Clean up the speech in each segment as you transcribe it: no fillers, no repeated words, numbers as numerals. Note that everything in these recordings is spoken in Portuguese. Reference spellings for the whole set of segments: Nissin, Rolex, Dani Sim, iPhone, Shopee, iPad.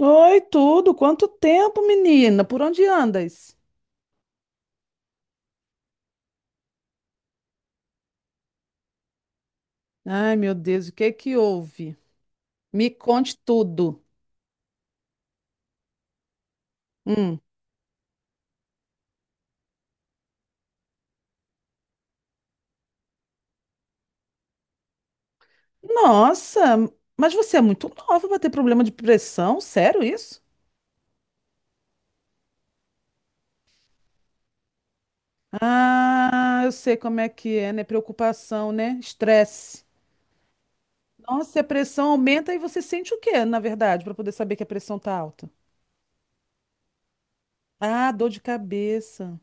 Oi, tudo? Quanto tempo, menina? Por onde andas? Ai, meu Deus, o que é que houve? Me conte tudo. Hum. Nossa, mas você é muito nova para ter problema de pressão? Sério isso? Ah, eu sei como é que é, né? Preocupação, né? Estresse. Nossa, e a pressão aumenta e você sente o quê, na verdade, para poder saber que a pressão tá alta? Ah, dor de cabeça.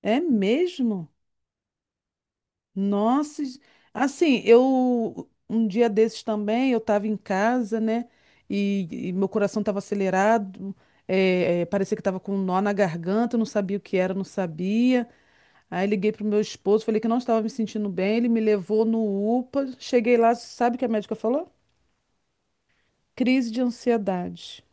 É mesmo? Nossa, assim, eu um dia desses também, eu estava em casa, né? E meu coração estava acelerado, parecia que estava com um nó na garganta, eu não sabia o que era, eu não sabia. Aí liguei pro meu esposo, falei que não estava me sentindo bem, ele me levou no UPA, cheguei lá, sabe o que a médica falou? Crise de ansiedade.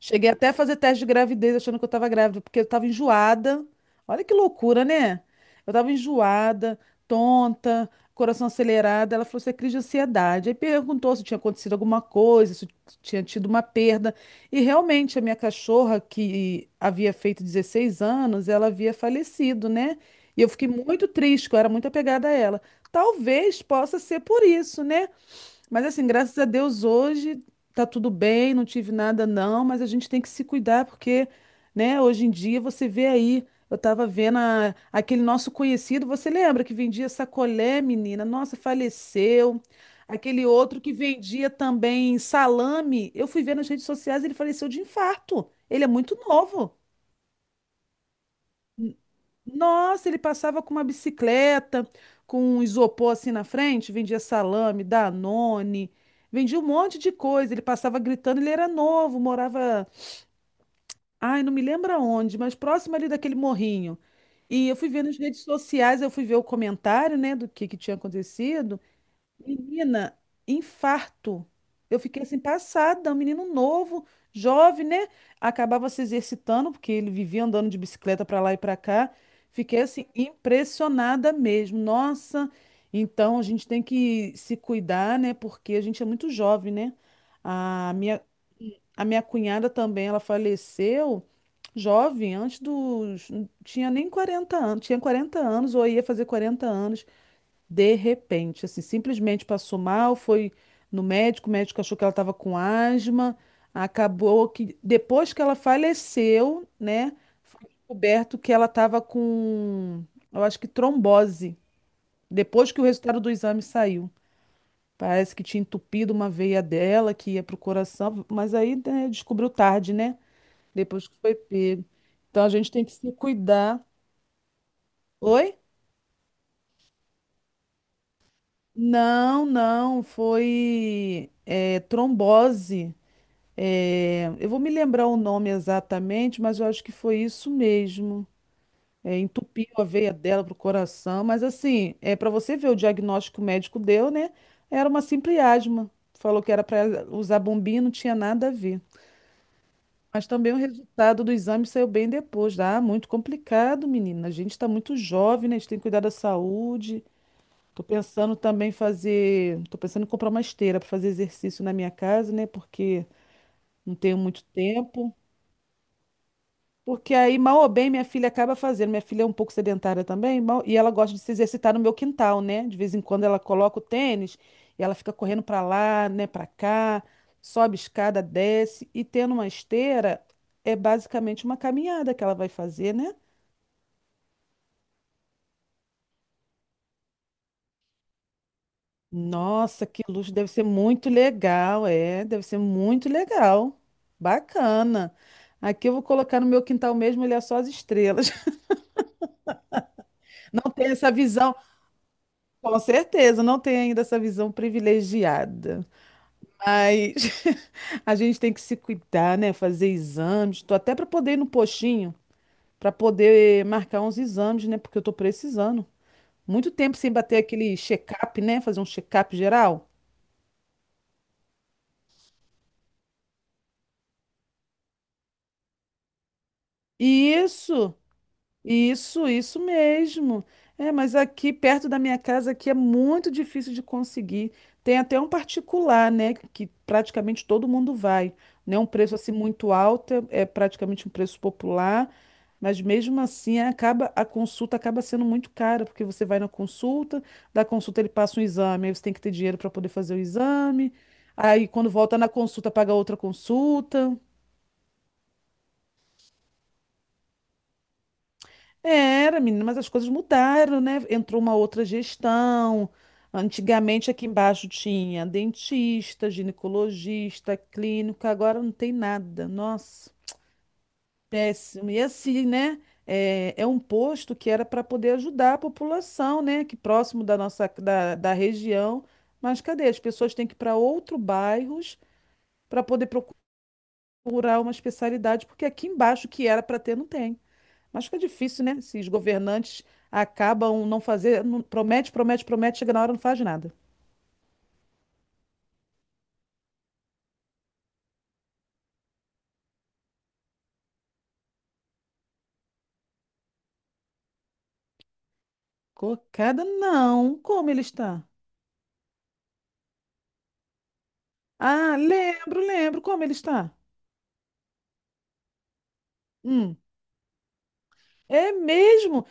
Cheguei até a fazer teste de gravidez achando que eu estava grávida, porque eu estava enjoada. Olha que loucura, né? Eu estava enjoada, tonta, coração acelerado. Ela falou: Você é crise de ansiedade. Aí perguntou se tinha acontecido alguma coisa, se tinha tido uma perda. E realmente, a minha cachorra, que havia feito 16 anos, ela havia falecido, né? E eu fiquei muito triste, que eu era muito apegada a ela. Talvez possa ser por isso, né? Mas assim, graças a Deus hoje tá tudo bem, não tive nada não, mas a gente tem que se cuidar porque, né, hoje em dia você vê aí, eu tava vendo aquele nosso conhecido, você lembra que vendia sacolé, menina? Nossa, faleceu. Aquele outro que vendia também salame, eu fui ver nas redes sociais, ele faleceu de infarto. Ele é muito novo. Nossa, ele passava com uma bicicleta, com um isopor assim na frente, vendia salame, Danone, vendia um monte de coisa. Ele passava gritando, ele era novo, morava, ai, não me lembro aonde, mas próximo ali daquele morrinho. E eu fui ver nas redes sociais, eu fui ver o comentário, né, do que tinha acontecido. Menina, infarto. Eu fiquei assim passada, um menino novo, jovem, né? Acabava se exercitando, porque ele vivia andando de bicicleta para lá e para cá. Fiquei assim impressionada mesmo. Nossa, então a gente tem que se cuidar, né? Porque a gente é muito jovem, né? A minha, a minha cunhada também, ela faleceu jovem, antes dos. Tinha nem 40 anos, tinha 40 anos ou ia fazer 40 anos. De repente, assim, simplesmente passou mal, foi no médico, o médico achou que ela estava com asma, acabou que depois que ela faleceu, né, foi descoberto que ela estava com, eu acho que trombose, depois que o resultado do exame saiu. Parece que tinha entupido uma veia dela que ia pro coração, mas aí, né, descobriu tarde, né? Depois que foi pego. Então a gente tem que se cuidar. Oi? Não, não, foi é, trombose. É, eu vou me lembrar o nome exatamente, mas eu acho que foi isso mesmo. É, entupiu a veia dela pro coração, mas assim, é para você ver o diagnóstico que o médico deu, né? Era uma simples asma. Falou que era para usar bombinha, não tinha nada a ver. Mas também o resultado do exame saiu bem depois. Ah, muito complicado, menina. A gente está muito jovem, né? A gente tem que cuidar da saúde. Tô pensando também em fazer, tô pensando em comprar uma esteira para fazer exercício na minha casa, né? Porque não tenho muito tempo. Porque aí, mal ou bem, minha filha acaba fazendo. Minha filha é um pouco sedentária também, e ela gosta de se exercitar no meu quintal, né? De vez em quando ela coloca o tênis e ela fica correndo pra lá, né, Pra cá, sobe escada, desce e tendo uma esteira é basicamente uma caminhada que ela vai fazer, né? Nossa, que luxo, deve ser muito legal, é, deve ser muito legal. Bacana. Aqui eu vou colocar no meu quintal mesmo, ele é só as estrelas. Não tem essa visão. Com certeza, não tem ainda essa visão privilegiada. Mas a gente tem que se cuidar, né? Fazer exames. Tô até para poder ir no postinho, para poder marcar uns exames, né? Porque eu tô precisando. Muito tempo sem bater aquele check-up, né? Fazer um check-up geral. E Isso. Isso mesmo. É, mas aqui perto da minha casa aqui é muito difícil de conseguir. Tem até um particular, né, que praticamente todo mundo vai, né? Um preço assim muito alto, é praticamente um preço popular, mas mesmo assim acaba a consulta acaba sendo muito cara, porque você vai na consulta, da consulta ele passa um exame, aí você tem que ter dinheiro para poder fazer o exame. Aí quando volta na consulta paga outra consulta. Era, menina, mas as coisas mudaram, né? Entrou uma outra gestão. Antigamente aqui embaixo tinha dentista, ginecologista, clínica, agora não tem nada. Nossa, péssimo. E assim, né? É, é um posto que era para poder ajudar a população, né? Que próximo da nossa da região. Mas cadê? As pessoas têm que ir para outros bairros para poder procurar uma especialidade, porque aqui embaixo que era para ter, não tem. Mas fica difícil, né? Se os governantes acabam não fazer, promete, promete, promete, chega na hora e não faz nada. Cocada, não. Como ele está? Ah, lembro, lembro. Como ele está? Hum. É mesmo?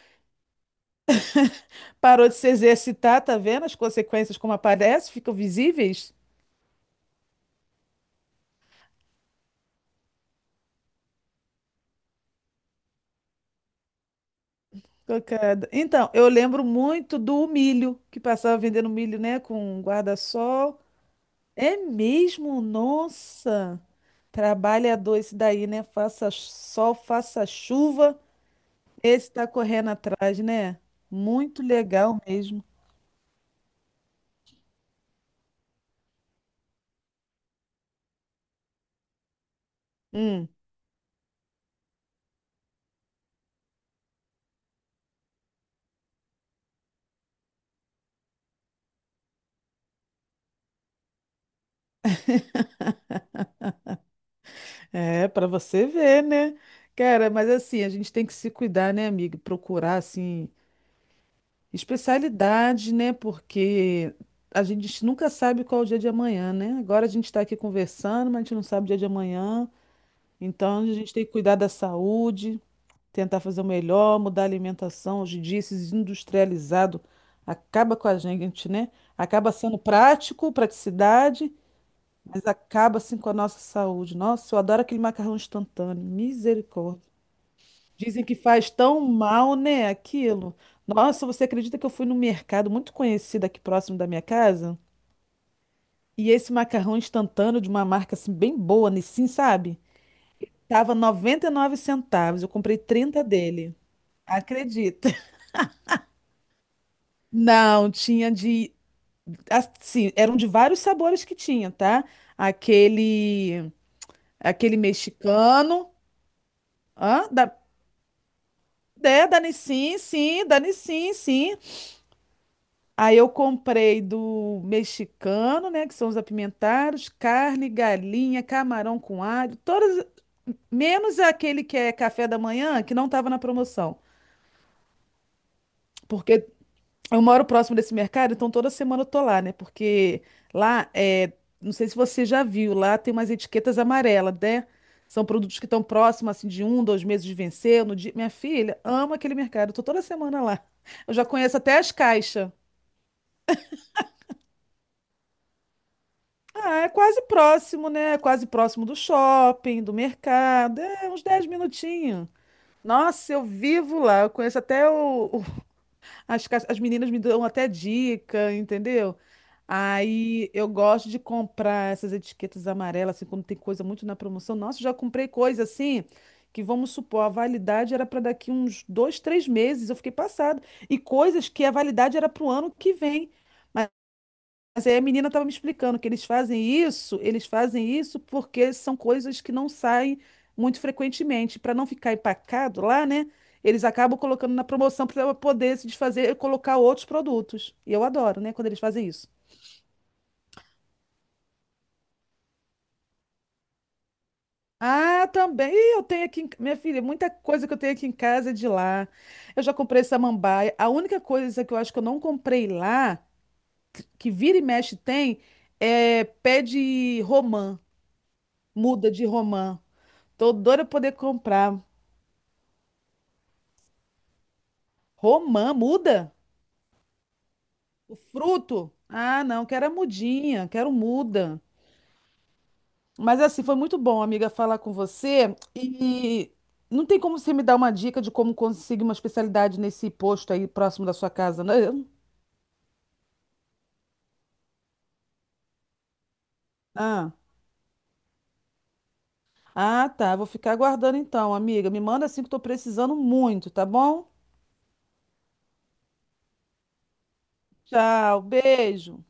Parou de se exercitar, tá vendo as consequências como aparecem, ficam visíveis? Cocada. Então, eu lembro muito do milho, que passava vendendo milho, né, com guarda-sol. É mesmo? Nossa! Trabalhador esse daí, né? Faça sol, faça chuva. Esse tá correndo atrás, né? Muito legal mesmo. Hum, é, para você ver, né? Cara, mas assim, a gente tem que se cuidar, né, amiga? Procurar, assim, especialidade, né? Porque a gente nunca sabe qual é o dia de amanhã, né? Agora a gente está aqui conversando, mas a gente não sabe o dia de amanhã. Então a gente tem que cuidar da saúde, tentar fazer o melhor, mudar a alimentação. Hoje em dia, esses industrializados acaba com a gente, né? Acaba sendo prático, praticidade. Mas acaba assim com a nossa saúde. Nossa, eu adoro aquele macarrão instantâneo. Misericórdia. Dizem que faz tão mal, né, aquilo. Nossa, você acredita que eu fui no mercado muito conhecido aqui próximo da minha casa? E esse macarrão instantâneo de uma marca assim bem boa, Nissin, sabe? Tava 99 centavos. Eu comprei 30 dele. Acredita? Não, tinha de assim, eram de vários sabores que tinha, tá? Aquele aquele mexicano, hã? É, Dani Sim, sim, Dani Sim, sim. Aí eu comprei do mexicano, né, que são os apimentados, carne, galinha, camarão com alho, todas, menos aquele que é café da manhã, que não estava na promoção. Porque eu moro próximo desse mercado, então toda semana eu tô lá, né? Porque lá é, não sei se você já viu, lá tem umas etiquetas amarelas, né? São produtos que estão próximos, assim, de um, dois meses de vencer. No dia... Minha filha ama aquele mercado, eu tô toda semana lá. Eu já conheço até as caixas. Ah, é quase próximo, né? É Quase próximo do shopping, do mercado. É uns 10 minutinhos. Nossa, eu vivo lá. Eu conheço até as meninas me dão até dica, entendeu? Aí eu gosto de comprar essas etiquetas amarelas, assim, quando tem coisa muito na promoção. Nossa, eu já comprei coisa assim, que vamos supor, a validade era para daqui uns dois, três meses. Eu fiquei passada. E coisas que a validade era para o ano que vem. Mas aí a menina estava me explicando que eles fazem isso porque são coisas que não saem muito frequentemente. Para não ficar empacado lá, né? Eles acabam colocando na promoção para poder se desfazer e colocar outros produtos. E eu adoro, né? Quando eles fazem isso. Ah, também. Ih, eu tenho aqui, minha filha, muita coisa que eu tenho aqui em casa é de lá. Eu já comprei samambaia. A única coisa que eu acho que eu não comprei lá, que vira e mexe tem, é pé de romã, muda de romã. Tô doida pra poder comprar. Romã, muda? O fruto? Ah, não, quero a mudinha, quero muda. Mas assim, foi muito bom, amiga, falar com você. E não tem como você me dar uma dica de como conseguir uma especialidade nesse posto aí próximo da sua casa, não? Ah, ah, tá. Vou ficar aguardando então, amiga. Me manda assim que eu tô precisando muito, tá bom? Tchau, beijo.